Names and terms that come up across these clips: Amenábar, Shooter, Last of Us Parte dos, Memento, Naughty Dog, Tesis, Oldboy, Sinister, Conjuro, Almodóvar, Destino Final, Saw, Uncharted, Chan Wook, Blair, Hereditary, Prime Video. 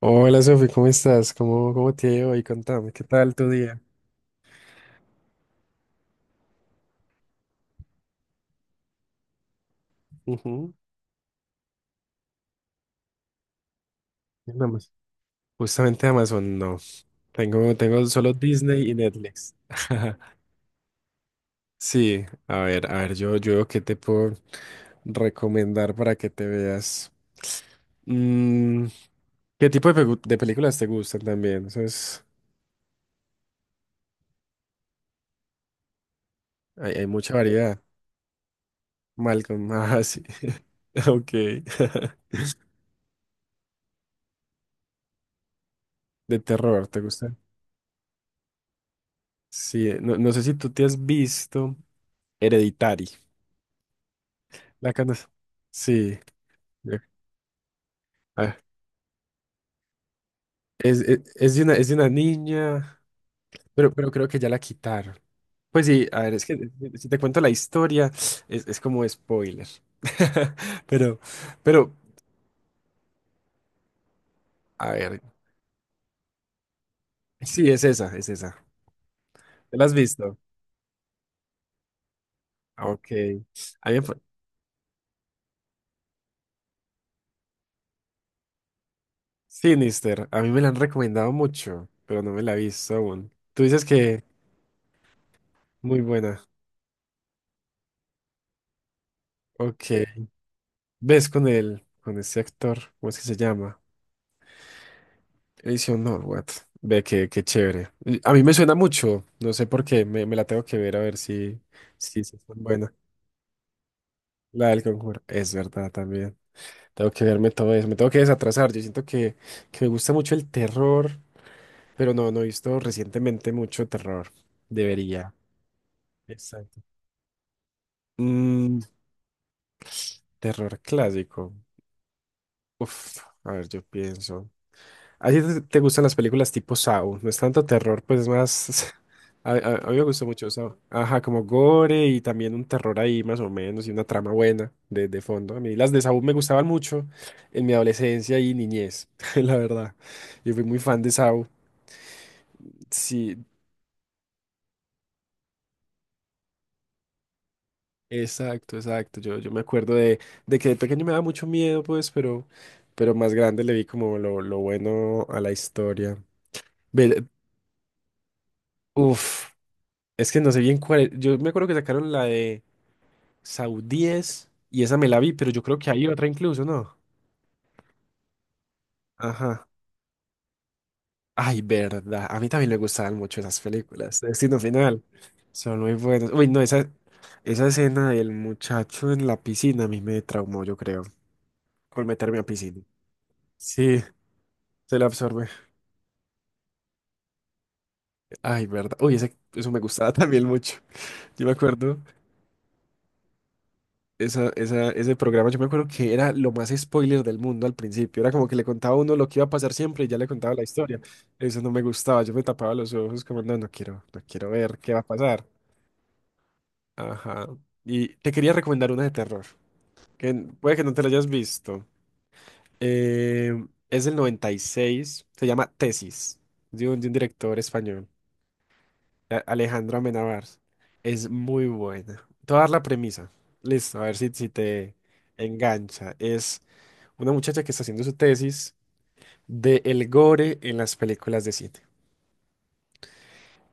Hola Sofi, ¿cómo estás? ¿Cómo te ha ido hoy? Contame, ¿qué tal tu día? Ujú. En Amazon. Justamente Amazon, no. Tengo solo Disney y Netflix. Sí, a ver, yo qué te puedo recomendar para que te veas. Mm, ¿Qué tipo de películas te gustan también? Eso es, hay mucha variedad. Malcolm, ah, sí. Ok. De terror, ¿te gusta? Sí, no, no sé si tú te has visto Hereditary. La canasta. Sí. ya- a es, e, es de una niña, pero, creo que ya la quitaron. Pues sí, a ver, es que si te cuento la historia, es como spoiler. Pero, pero, a ver, sí, es esa, es esa. ¿Te la has visto? Ah, ok. A mí, Sinister, a mí me la han recomendado mucho, pero no me la he visto aún. Tú dices que muy buena. Ok. ¿Ves con él, con ese actor? ¿Cómo es que se llama? Edición Norwood. Ve que qué chévere. Y a mí me suena mucho. No sé por qué. Me la tengo que ver a ver si es tan buena. La del Conjuro. Es verdad también. Tengo que verme todo eso. Me tengo que desatrasar. Yo siento que me gusta mucho el terror, pero no he visto recientemente mucho terror. Debería. Exacto. Mm, terror clásico. Uf, a ver, yo pienso. ¿A ti te gustan las películas tipo Saw? No es tanto terror, pues es más. A mí me gusta mucho Saw. Ajá, como gore y también un terror ahí más o menos y una trama buena de fondo. A mí las de Saw me gustaban mucho en mi adolescencia y niñez, la verdad. Yo fui muy fan de Saw. Sí, exacto, exacto. Yo me acuerdo de que de pequeño me daba mucho miedo, pues, pero más grande le vi como lo bueno a la historia. Ve- Uf, es que no sé bien cuál. Yo me acuerdo que sacaron la de. Saudíes, y esa me la vi, pero yo creo que hay otra incluso, ¿no? Ajá. Ay, verdad. A mí también me gustaban mucho esas películas. Destino Final. Son muy buenas. Uy, no, esa, escena del muchacho en la piscina a mí me traumó, yo creo, con meterme a piscina. Sí, se la absorbe. Ay, verdad. Uy, eso me gustaba también mucho. Yo me acuerdo. Ese programa, yo me acuerdo que era lo más spoiler del mundo al principio. Era como que le contaba a uno lo que iba a pasar siempre y ya le contaba la historia. Eso no me gustaba. Yo me tapaba los ojos como, no quiero, no quiero ver qué va a pasar. Ajá. Y te quería recomendar una de terror, que puede que no te la hayas visto. Es del 96, se llama Tesis, de un director español. Alejandra Amenábar. Es muy buena. Te voy a dar la premisa. Listo, a ver si te engancha. Es una muchacha que está haciendo su tesis de el gore en las películas de cine.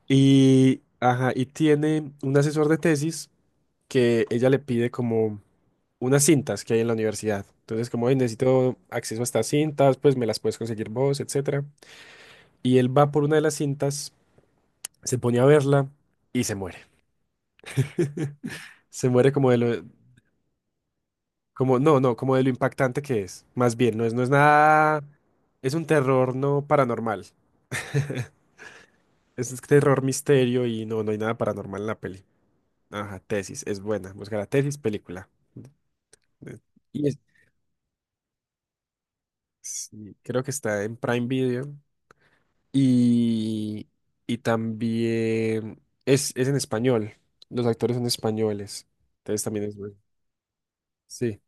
Y, ajá, y tiene un asesor de tesis que ella le pide como unas cintas que hay en la universidad. Entonces, como "Ey, necesito acceso a estas cintas, pues me las puedes conseguir vos, etcétera". Y él va por una de las cintas, se pone a verla y se muere. Se muere como de lo. Como, no, no, como de lo impactante que es. Más bien, no es nada. Es un terror no paranormal. Es terror misterio y no hay nada paranormal en la peli. Ajá, tesis, es buena. Buscar la tesis, película. Eh, Y sí, creo que está en Prime Video. Y, y también es en español. Los actores son españoles. Entonces también es bueno. Sí,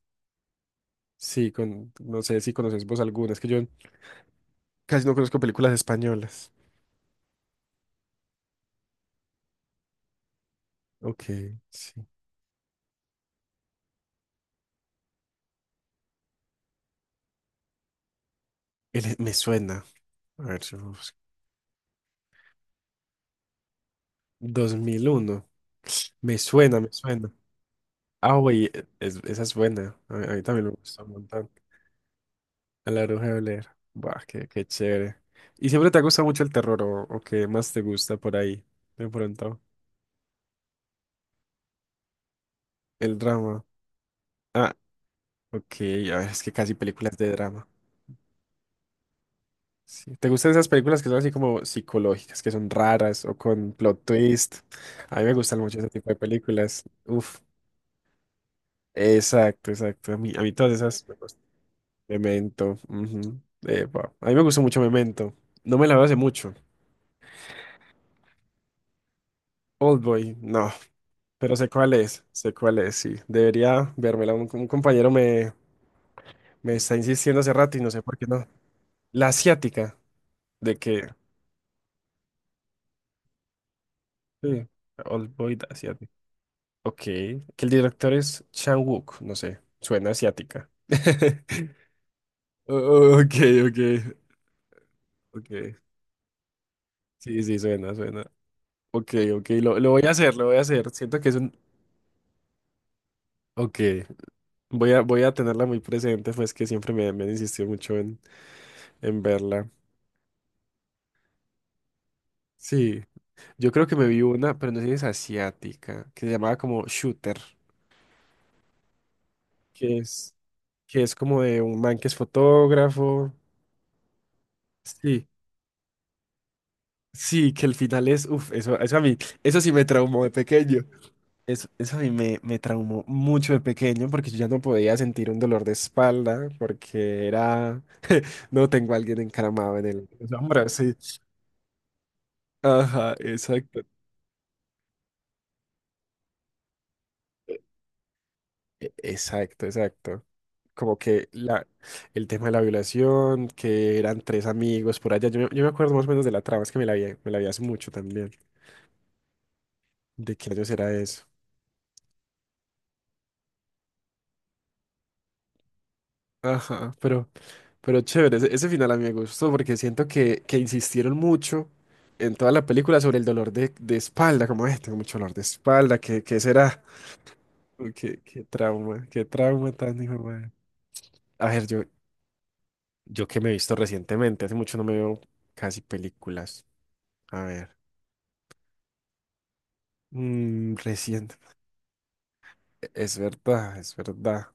sí, con, no sé si conoces vos algunas, que yo casi no conozco películas españolas. Ok, sí. Me suena. A ver, si lo busco. 2001. Me suena, me suena. Ah, güey, esa es buena. A mí también me gusta un montón. A la Bruja de Blair. Buah, qué chévere. ¿Y siempre te gusta mucho el terror o qué más te gusta por ahí? De pronto. El drama. Ah, ok. A ver, es que casi películas de drama. Sí. ¿Te gustan esas películas que son así como psicológicas, que son raras o con plot twist? A mí me gustan mucho ese tipo de películas. Uf. Exacto, exacto. A mí todas esas me gustan. Memento. Ujú. Epa. A mí me gustó mucho Memento. No me la veo hace mucho. Oldboy, no. Pero sé cuál es, sí. Debería vérmela. Un compañero me está insistiendo hace rato y no sé por qué no. La asiática, de que. Sí. Oldboy la asiática. Ok. Que el director es Chan Wook, no sé. Suena asiática. Ok, ok. Ok. Sí, sí, suena, suena. Ok, ok, lo voy a hacer, lo voy a hacer. Siento que es un. Ok, voy a tenerla muy presente, pues que siempre me han insistido mucho en verla. Sí, yo creo que me vi una, pero no sé si es asiática, que se llamaba como Shooter, que es, que es, como de un man que es fotógrafo. Sí, sí, que el final es. Uff, eso, a mí, eso sí me traumó de pequeño. Eso a mí me traumó mucho de pequeño porque yo ya no podía sentir un dolor de espalda porque era. No tengo a alguien encaramado en el hombro sí. Ajá, exacto. Exacto, exacto. Como que el tema de la violación, que eran tres amigos por allá. Yo me acuerdo más o menos de la trama, es que me la vi hace mucho también. ¿De qué años era eso? Ajá, pero, chévere, ese final a mí me gustó porque siento que insistieron mucho en toda la película sobre el dolor de espalda, como, "Ay, tengo mucho dolor de espalda, ¿qué será? Uy, Qué trauma, qué trauma tan hijo de madre". A ver, Yo que me he visto recientemente, hace mucho no me veo casi películas. A ver, reciente. Es verdad, es verdad.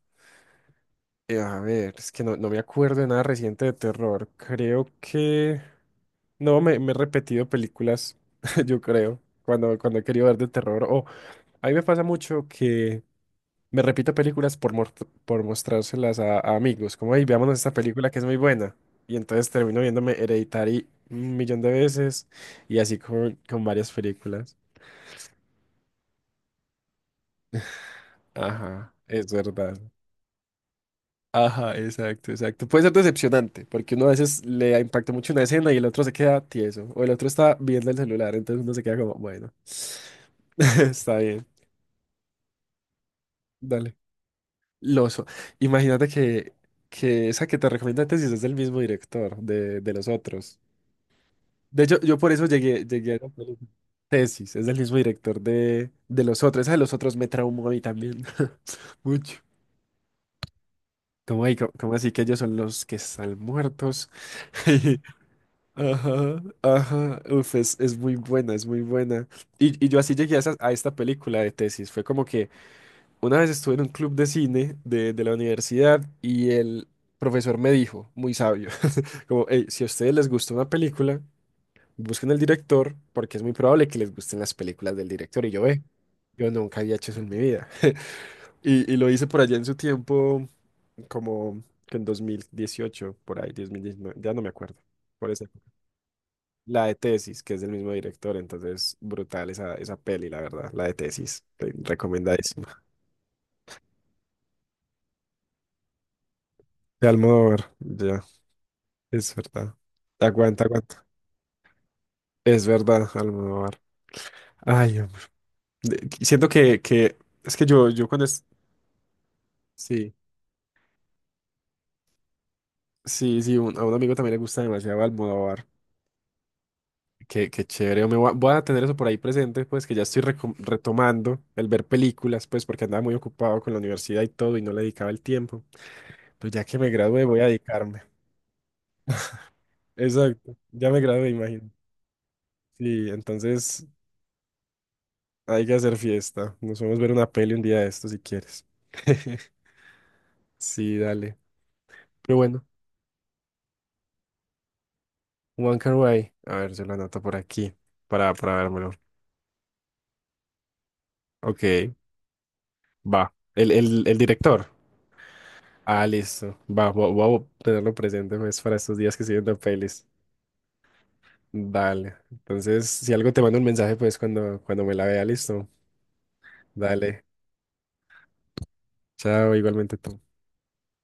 A ver, es que no me acuerdo de nada reciente de terror. Creo que. No, me he repetido películas, yo creo, cuando, he querido ver de terror. O a mí me pasa mucho que. Me repito películas por mostrárselas a amigos, como, hey, veámonos esta película que es muy buena. Y entonces termino viéndome Hereditary un millón de veces y así con varias películas. Ajá, es verdad. Ajá, exacto, exacto. Puede ser decepcionante, porque uno a veces le impacta mucho una escena y el otro se queda tieso, o el otro está viendo el celular, entonces uno se queda como, bueno, está bien, dale. Loso. Imagínate que esa que te recomiendo antes es del mismo director de los otros. De hecho, yo por eso llegué a la película. Tesis, es del mismo director de los otros. Esa de los otros me traumó a mí también. Mucho. ¿Cómo, ahí? ¿Cómo así que ellos son los que están muertos? Ajá, ajá. Uf, es muy buena, es muy buena. Y yo así llegué a esta película de tesis. Fue como que una vez estuve en un club de cine de la universidad y el profesor me dijo, muy sabio, como, hey, si a ustedes les gusta una película. Busquen el director porque es muy probable que les gusten las películas del director. Y yo, ve, yo nunca había hecho eso en mi vida. Y lo hice por allá en su tiempo, como que en 2018 por ahí, 2019 ya no me acuerdo. Por esa época. La de Tesis, que es del mismo director, entonces brutal esa peli, la verdad, la de Tesis, recomendadísima. De Almodóvar, ya, es verdad. Aguanta, aguanta. Es verdad, Almodóvar. Ay, hombre. Siento que es que yo cuando es. Sí. Sí, sí, a un amigo también le gusta demasiado Almodóvar. Qué chévere. Yo Me voy a, voy a tener eso por ahí presente, pues que ya estoy retomando el ver películas, pues porque andaba muy ocupado con la universidad y todo y no le dedicaba el tiempo. Entonces ya que me gradué voy a dedicarme. Exacto, ya me gradué, imagino. Sí, entonces hay que hacer fiesta. Nos vamos a ver una peli un día de estos si quieres. Sí, dale. Pero bueno, One Can Way. A ver, yo lo anoto por aquí para vérmelo. Ok, va. El director. Ah, listo. Va, voy a tenerlo presente pues, para estos días que estoy viendo pelis. Dale. Entonces, si algo te mando un mensaje, pues cuando, me la vea, listo. Dale. Chao, igualmente tú.